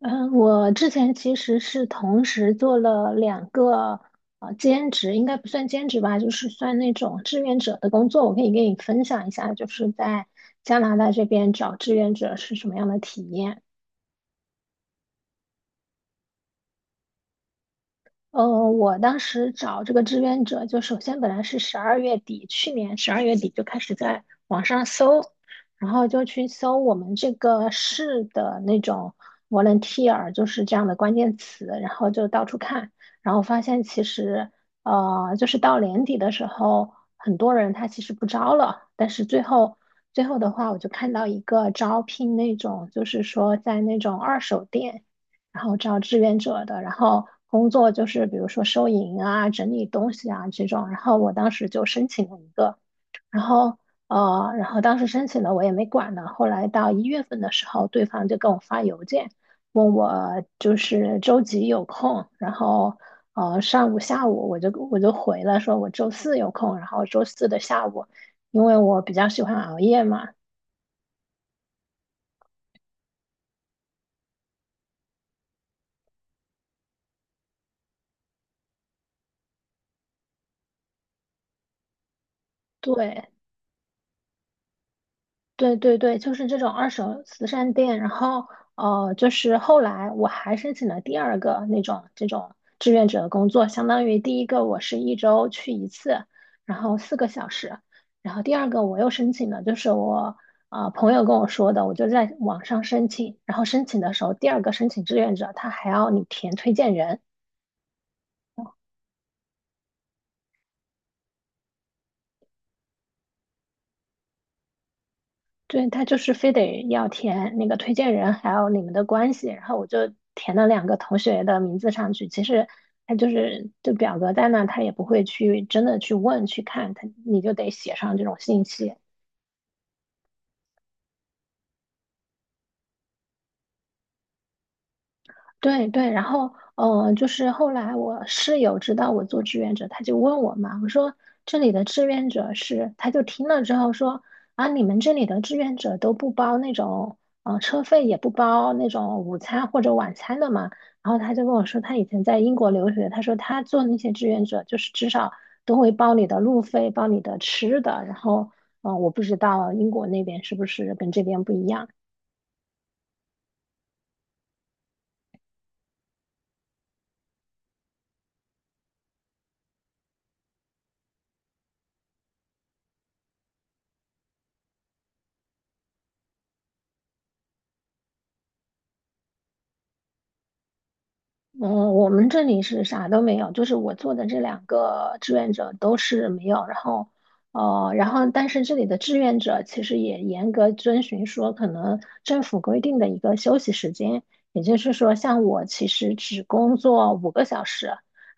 嗯，我之前其实是同时做了两个兼职，应该不算兼职吧，就是算那种志愿者的工作。我可以跟你分享一下，就是在加拿大这边找志愿者是什么样的体验。呃，我当时找这个志愿者，就首先本来是十二月底，去年十二月底就开始在网上搜，然后就去搜我们这个市的那种 volunteer，就是这样的关键词，然后就到处看，然后发现其实，就是到年底的时候，很多人他其实不招了，但是最后的话，我就看到一个招聘那种，就是说在那种二手店。然后招志愿者的，然后工作就是比如说收银啊、整理东西啊这种。然后我当时就申请了一个，然后然后当时申请了我也没管呢。后来到1月份的时候，对方就跟我发邮件，问我就是周几有空，然后上午、下午我就回了，说我周四有空，然后周四的下午，因为我比较喜欢熬夜嘛，对。对对对，就是这种二手慈善店。然后，就是后来我还申请了第二个那种这种志愿者的工作，相当于第一个我是一周去一次，然后四个小时。然后第二个我又申请了，就是我朋友跟我说的，我就在网上申请。然后申请的时候，第二个申请志愿者他还要你填推荐人，对，他就是非得要填那个推荐人，还有你们的关系，然后我就填了两个同学的名字上去。其实他就是这表格在那，他也不会去真的去问去看，他你就得写上这种信息。对对，然后就是后来我室友知道我做志愿者，他就问我嘛，我说这里的志愿者是，他就听了之后说啊，你们这里的志愿者都不包那种车费，也不包那种午餐或者晚餐的嘛。然后他就跟我说，他以前在英国留学，他说他做那些志愿者，就是至少都会包你的路费，包你的吃的。然后我不知道英国那边是不是跟这边不一样。嗯，我们这里是啥都没有，就是我做的这两个志愿者都是没有，然后但是这里的志愿者其实也严格遵循说可能政府规定的一个休息时间，也就是说，像我其实只工作5个小时，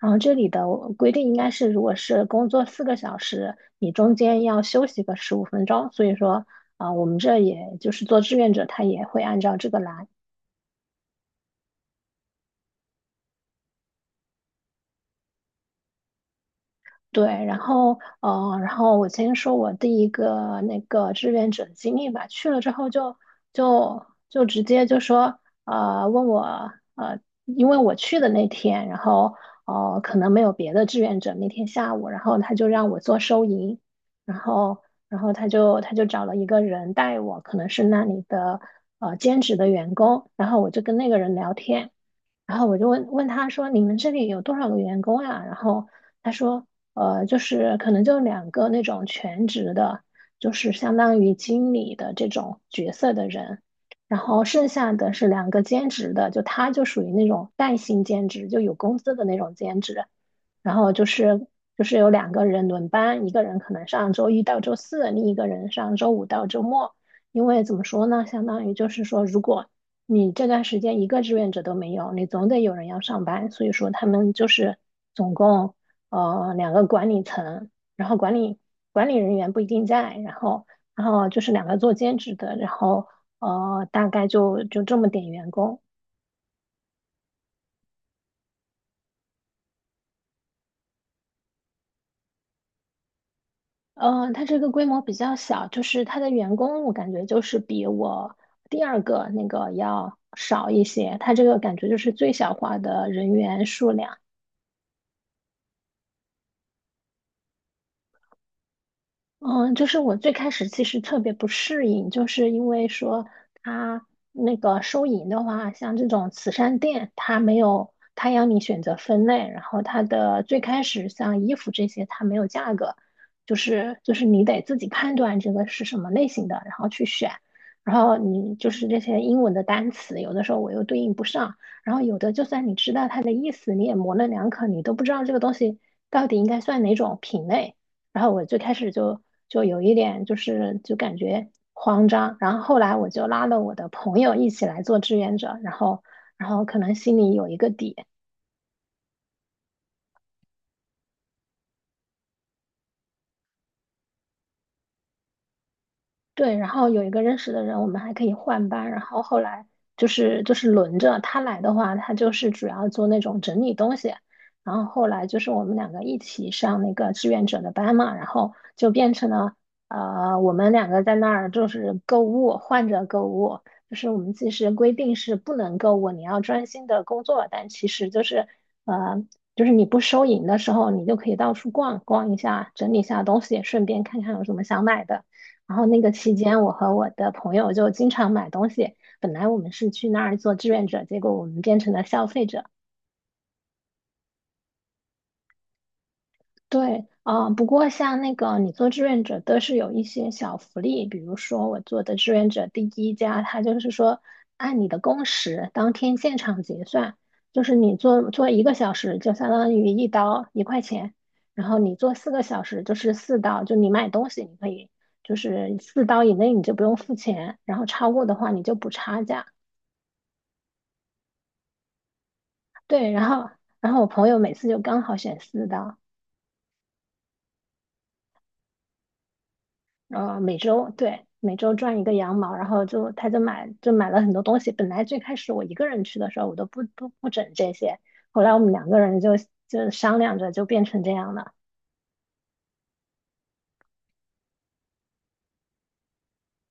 然后这里的规定应该是如果是工作四个小时，你中间要休息个15分钟，所以说，啊、我们这也就是做志愿者，他也会按照这个来。对，然后我先说我第一个那个志愿者经历吧。去了之后就直接就说问我，因为我去的那天，然后可能没有别的志愿者那天下午，然后他就让我做收银，然后然后他就找了一个人带我，可能是那里的兼职的员工，然后我就跟那个人聊天。然后我就问问他说："你们这里有多少个员工啊？"然后他说："就是可能就两个那种全职的，就是相当于经理的这种角色的人，然后剩下的是两个兼职的，就他就属于那种带薪兼职，就有工资的那种兼职。然后就是有两个人轮班，一个人可能上周一到周四，另一个人上周五到周末。因为怎么说呢，相当于就是说，如果你这段时间一个志愿者都没有，你总得有人要上班，所以说他们就是总共两个管理层，然后管理人员不一定在，然后就是两个做兼职的，然后大概就这么点员工。嗯，它这个规模比较小，就是它的员工，我感觉就是比我第二个那个要少一些。它这个感觉就是最小化的人员数量。嗯，就是我最开始其实特别不适应，就是因为说他那个收银的话，像这种慈善店，他没有，他要你选择分类，然后它的最开始像衣服这些，它没有价格，就是你得自己判断这个是什么类型的，然后去选，然后你就是这些英文的单词，有的时候我又对应不上，然后有的就算你知道它的意思，你也模棱两可，你都不知道这个东西到底应该算哪种品类。然后我最开始就有一点就是就感觉慌张，然后后来我就拉了我的朋友一起来做志愿者，然后可能心里有一个底。对，然后有一个认识的人，我们还可以换班。然后后来就是轮着他来的话，他就是主要做那种整理东西。然后后来就是我们两个一起上那个志愿者的班嘛，然后就变成了我们两个在那儿就是购物，换着购物。就是我们其实规定是不能购物，你要专心的工作，但其实呃，就是你不收银的时候，你就可以到处逛逛一下，整理一下东西，顺便看看有什么想买的。然后那个期间，我和我的朋友就经常买东西。本来我们是去那儿做志愿者，结果我们变成了消费者。对，啊，不过像那个你做志愿者都是有一些小福利，比如说我做的志愿者第一家，他就是说按你的工时当天现场结算，就是你做做1个小时就相当于一刀一块钱，然后你做四个小时就是四刀，就你买东西你可以就是四刀以内你就不用付钱，然后超过的话你就补差价。对，然后我朋友每次就刚好选四刀。每周，对，每周赚一个羊毛，然后就他就买了很多东西。本来最开始我一个人去的时候，我都不整这些，后来我们两个人就商量着就变成这样了。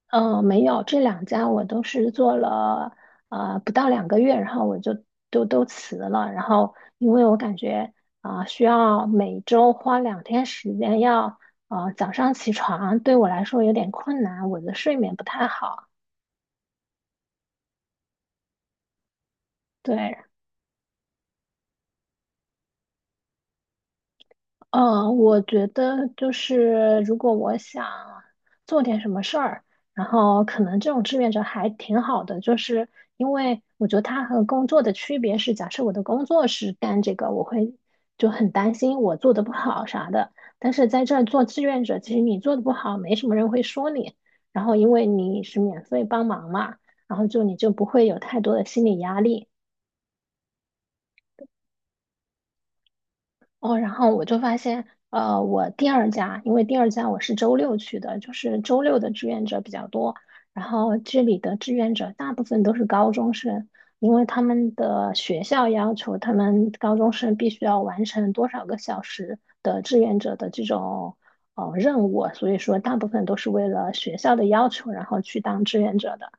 没有，这两家我都是做了不到2个月，然后我就都辞了。然后因为我感觉需要每周花2天时间要啊早上起床，对我来说有点困难，我的睡眠不太好。对，嗯，我觉得就是如果我想做点什么事儿，然后可能这种志愿者还挺好的，就是因为我觉得它和工作的区别是，假设我的工作是干这个，我会就很担心我做的不好啥的。但是在这儿做志愿者，其实你做的不好，没什么人会说你，然后因为你是免费帮忙嘛，然后就你就不会有太多的心理压力。哦，然后我就发现，我第二家，因为第二家我是周六去的，就是周六的志愿者比较多。然后这里的志愿者大部分都是高中生，因为他们的学校要求他们高中生必须要完成多少个小时的志愿者的这种任务，所以说大部分都是为了学校的要求，然后去当志愿者的。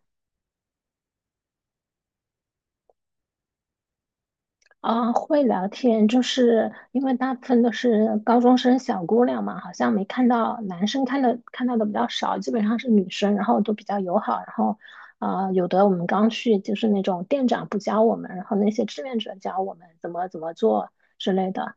啊，会聊天，就是因为大部分都是高中生小姑娘嘛，好像没看到男生看到的比较少，基本上是女生，然后都比较友好，然后有的我们刚去就是那种店长不教我们，然后那些志愿者教我们怎么怎么做之类的。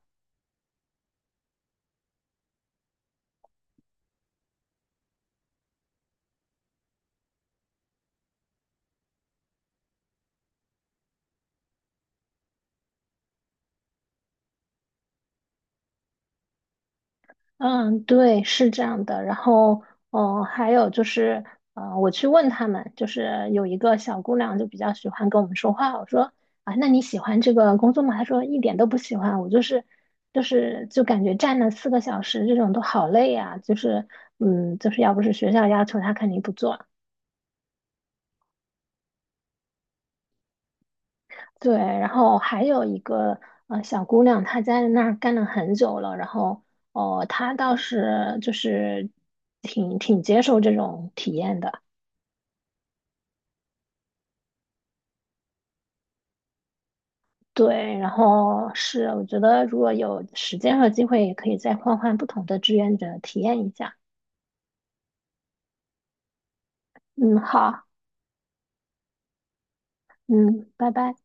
嗯，对，是这样的。然后，还有就是，我去问他们，就是有一个小姑娘就比较喜欢跟我们说话。我说啊，那你喜欢这个工作吗？她说一点都不喜欢。我就是就感觉站了四个小时这种都好累呀、就是，就是要不是学校要求，她肯定不做。对，然后还有一个小姑娘，她在那儿干了很久了，然后哦，她倒是就是挺接受这种体验的。对，然后是我觉得如果有时间和机会，也可以再换换不同的志愿者体验一下。嗯，好，嗯，拜拜。